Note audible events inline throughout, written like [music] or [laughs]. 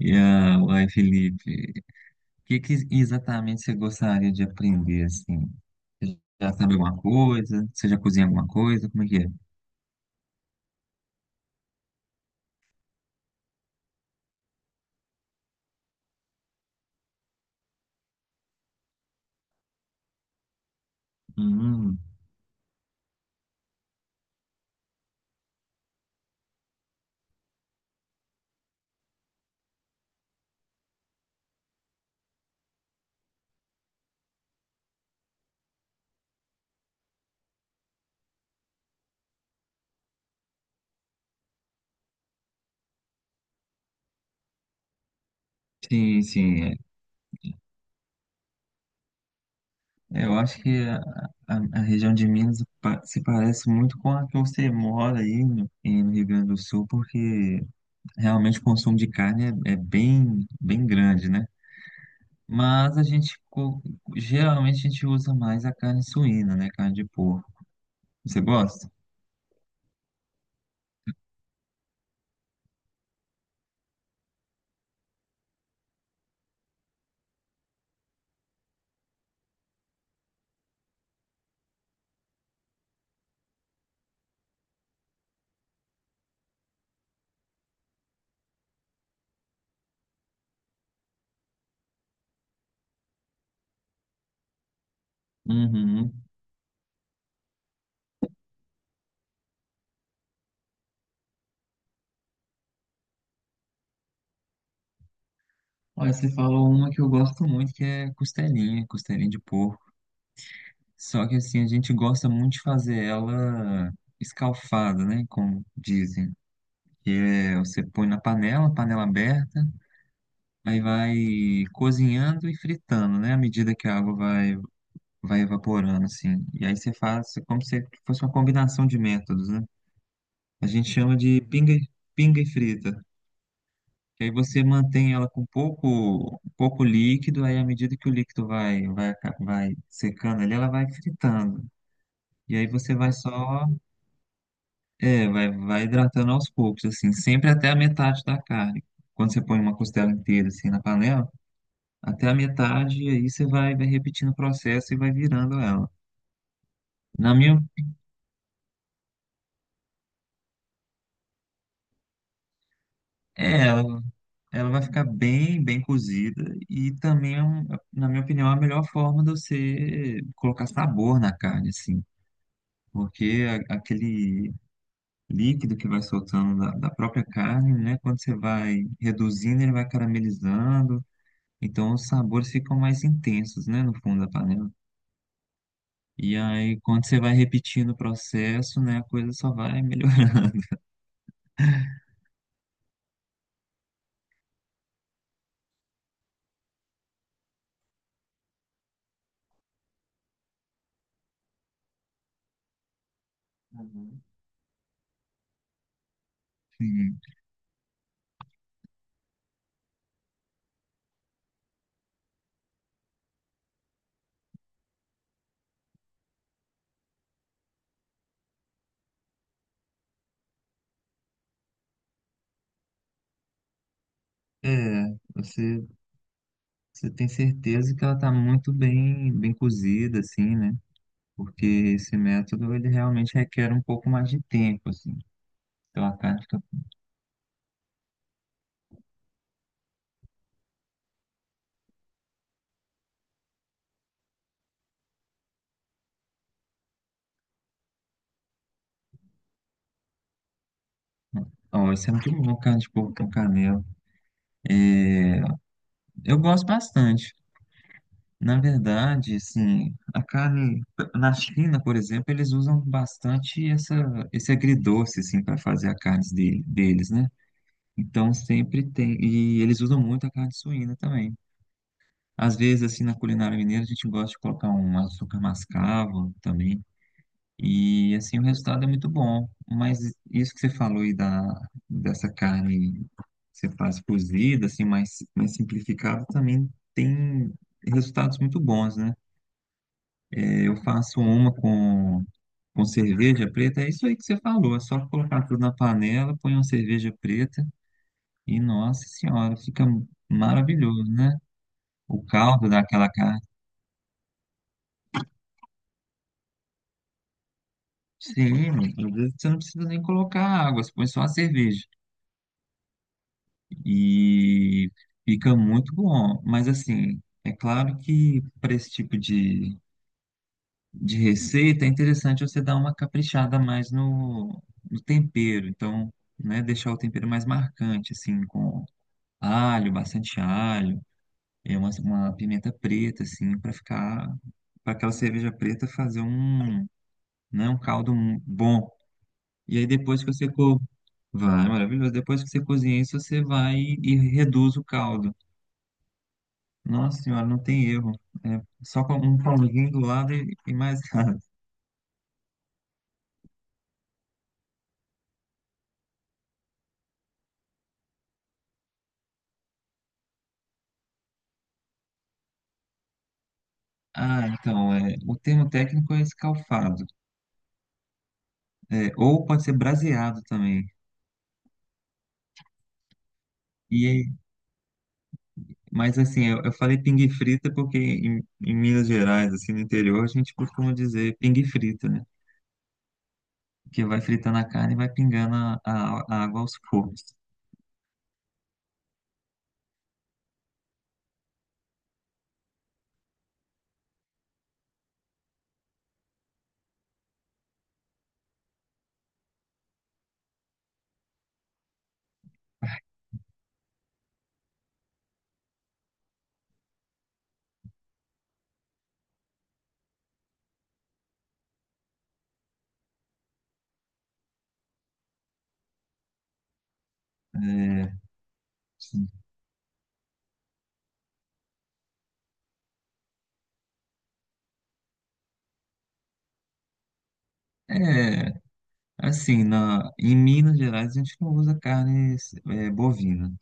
Uai, Felipe, o que que exatamente você gostaria de aprender, assim? Você já sabe alguma coisa? Você já cozinha alguma coisa? Como é que é? Hum, sim, sim. É. Eu acho que a região de Minas se parece muito com a que você mora aí no Rio Grande do Sul, porque realmente o consumo de carne é, é bem, bem grande, né? Mas a gente, geralmente a gente usa mais a carne suína, né? Carne de porco. Você gosta? Uhum. Olha, você falou uma que eu gosto muito, que é costelinha, costelinha de porco. Só que assim, a gente gosta muito de fazer ela escalfada, né? Como dizem. Que é, você põe na panela, panela aberta, aí vai cozinhando e fritando, né? À medida que a água vai, vai evaporando, assim. E aí você faz como se fosse uma combinação de métodos, né? A gente chama de pinga pinga e frita. Que aí você mantém ela com pouco, pouco líquido, aí à medida que o líquido vai, vai secando ali, ela vai fritando. E aí você vai só, é, vai, vai hidratando aos poucos, assim, sempre até a metade da carne. Quando você põe uma costela inteira, assim, na panela, até a metade, e aí você vai, vai repetindo o processo e vai virando ela. Na minha, é, ela, Ela vai ficar bem, bem cozida e também, na minha opinião, é a melhor forma de você colocar sabor na carne, assim. Porque aquele líquido que vai soltando da, da própria carne, né, quando você vai reduzindo, ele vai caramelizando, então os sabores ficam mais intensos, né, no fundo da panela. E aí, quando você vai repetindo o processo, né, a coisa só vai [laughs] melhorando. Uhum. Sim. É, você, você tem certeza que ela está muito bem, bem cozida, assim, né? Porque esse método, ele realmente requer um pouco mais de tempo, assim. Então a carne fica... Ó, isso é muito bom, carne de porco com canela. Eu gosto bastante. Na verdade, assim, a carne na China, por exemplo, eles usam bastante essa, esse agridoce, assim, para fazer a carne deles, né? Então sempre tem. E eles usam muito a carne suína também. Às vezes, assim, na culinária mineira, a gente gosta de colocar um açúcar mascavo também. E assim o resultado é muito bom. Mas isso que você falou aí da, dessa carne que você faz cozida, assim, mais, mais simplificada, também tem resultados muito bons, né? É, eu faço uma com cerveja preta, é isso aí que você falou, é só colocar tudo na panela, põe uma cerveja preta e, nossa senhora, fica maravilhoso, né? O caldo daquela carne. Sim, às vezes você não precisa nem colocar água, você põe só a cerveja. E fica muito bom. Mas assim, é claro que para esse tipo de receita é interessante você dar uma caprichada mais no, no tempero. Então, né, deixar o tempero mais marcante, assim, com alho, bastante alho, é uma pimenta preta, assim, para ficar, para aquela cerveja preta fazer um, né, um caldo bom. E aí depois que você co... Vai, maravilhoso. Depois que você cozinha isso, você vai e reduz o caldo. Nossa senhora, não tem erro. É só com um pauzinho do lado e mais [laughs] nada. Ah, então, é, o termo técnico é escalfado. É, ou pode ser braseado também. E, aí- mas assim, eu falei pingue frita porque em Minas Gerais, assim, no interior, a gente costuma dizer pingue frita, né? Que vai fritando a carne e vai pingando a água aos poucos. É, sim. É, assim, na, em Minas Gerais a gente não usa carne é, bovina.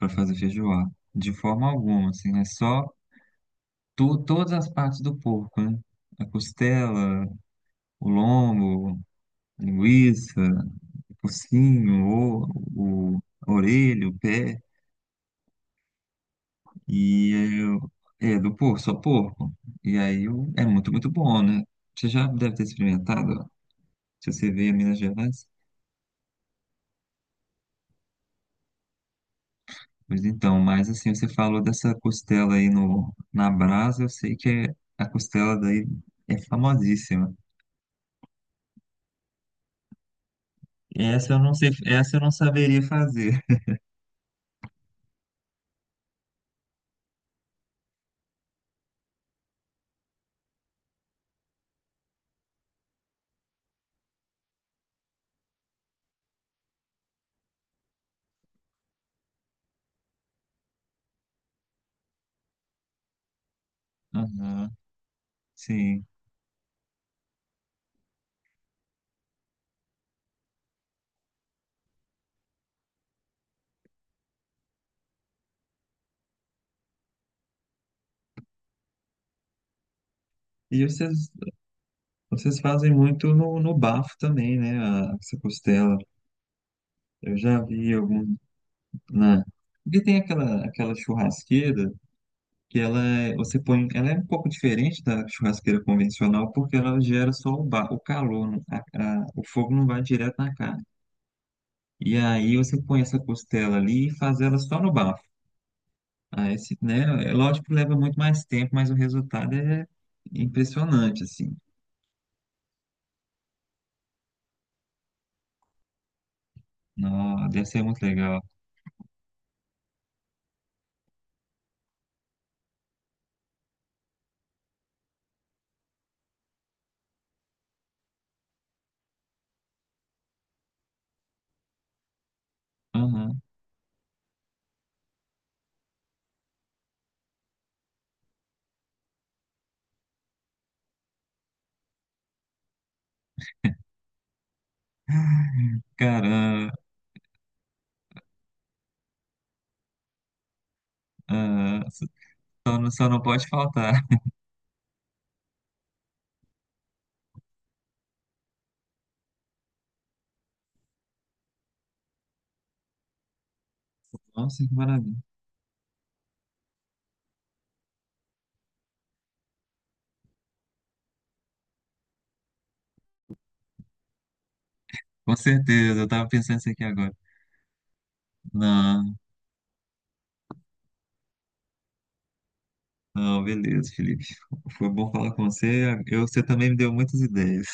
Para fazer feijoada. De forma alguma, assim, é só tu, todas as partes do porco, né? A costela, o lombo, a linguiça, o focinho, o, o- a orelha, o pé, e é, é do porco, só porco. E aí é muito, muito bom, né? Você já deve ter experimentado, ó, se você veio em Minas Gerais. Pois então, mas assim, você falou dessa costela aí no, na brasa, eu sei que a costela daí é famosíssima. Essa eu não sei, essa eu não saberia fazer. Aham, sim. E vocês, vocês fazem muito no, no bafo também, né? A, essa costela. Eu já vi algum na. Porque tem aquela, aquela churrasqueira que ela você põe, ela é um pouco diferente da churrasqueira convencional porque ela gera só o, ba, o calor, o fogo não vai direto na carne. E aí você põe essa costela ali e faz ela só no bafo. Ah, esse, né? É lógico que leva muito mais tempo, mas o resultado é impressionante, assim. Nossa, deve ser muito legal. Aham. Cara, ah, ah, só não pode faltar. [laughs] Nossa, que maravilha. Com certeza, eu tava pensando isso aqui agora. Não, não, beleza, Felipe. Foi bom falar com você. Eu, você também me deu muitas ideias.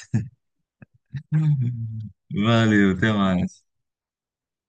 [laughs] Valeu, até mais.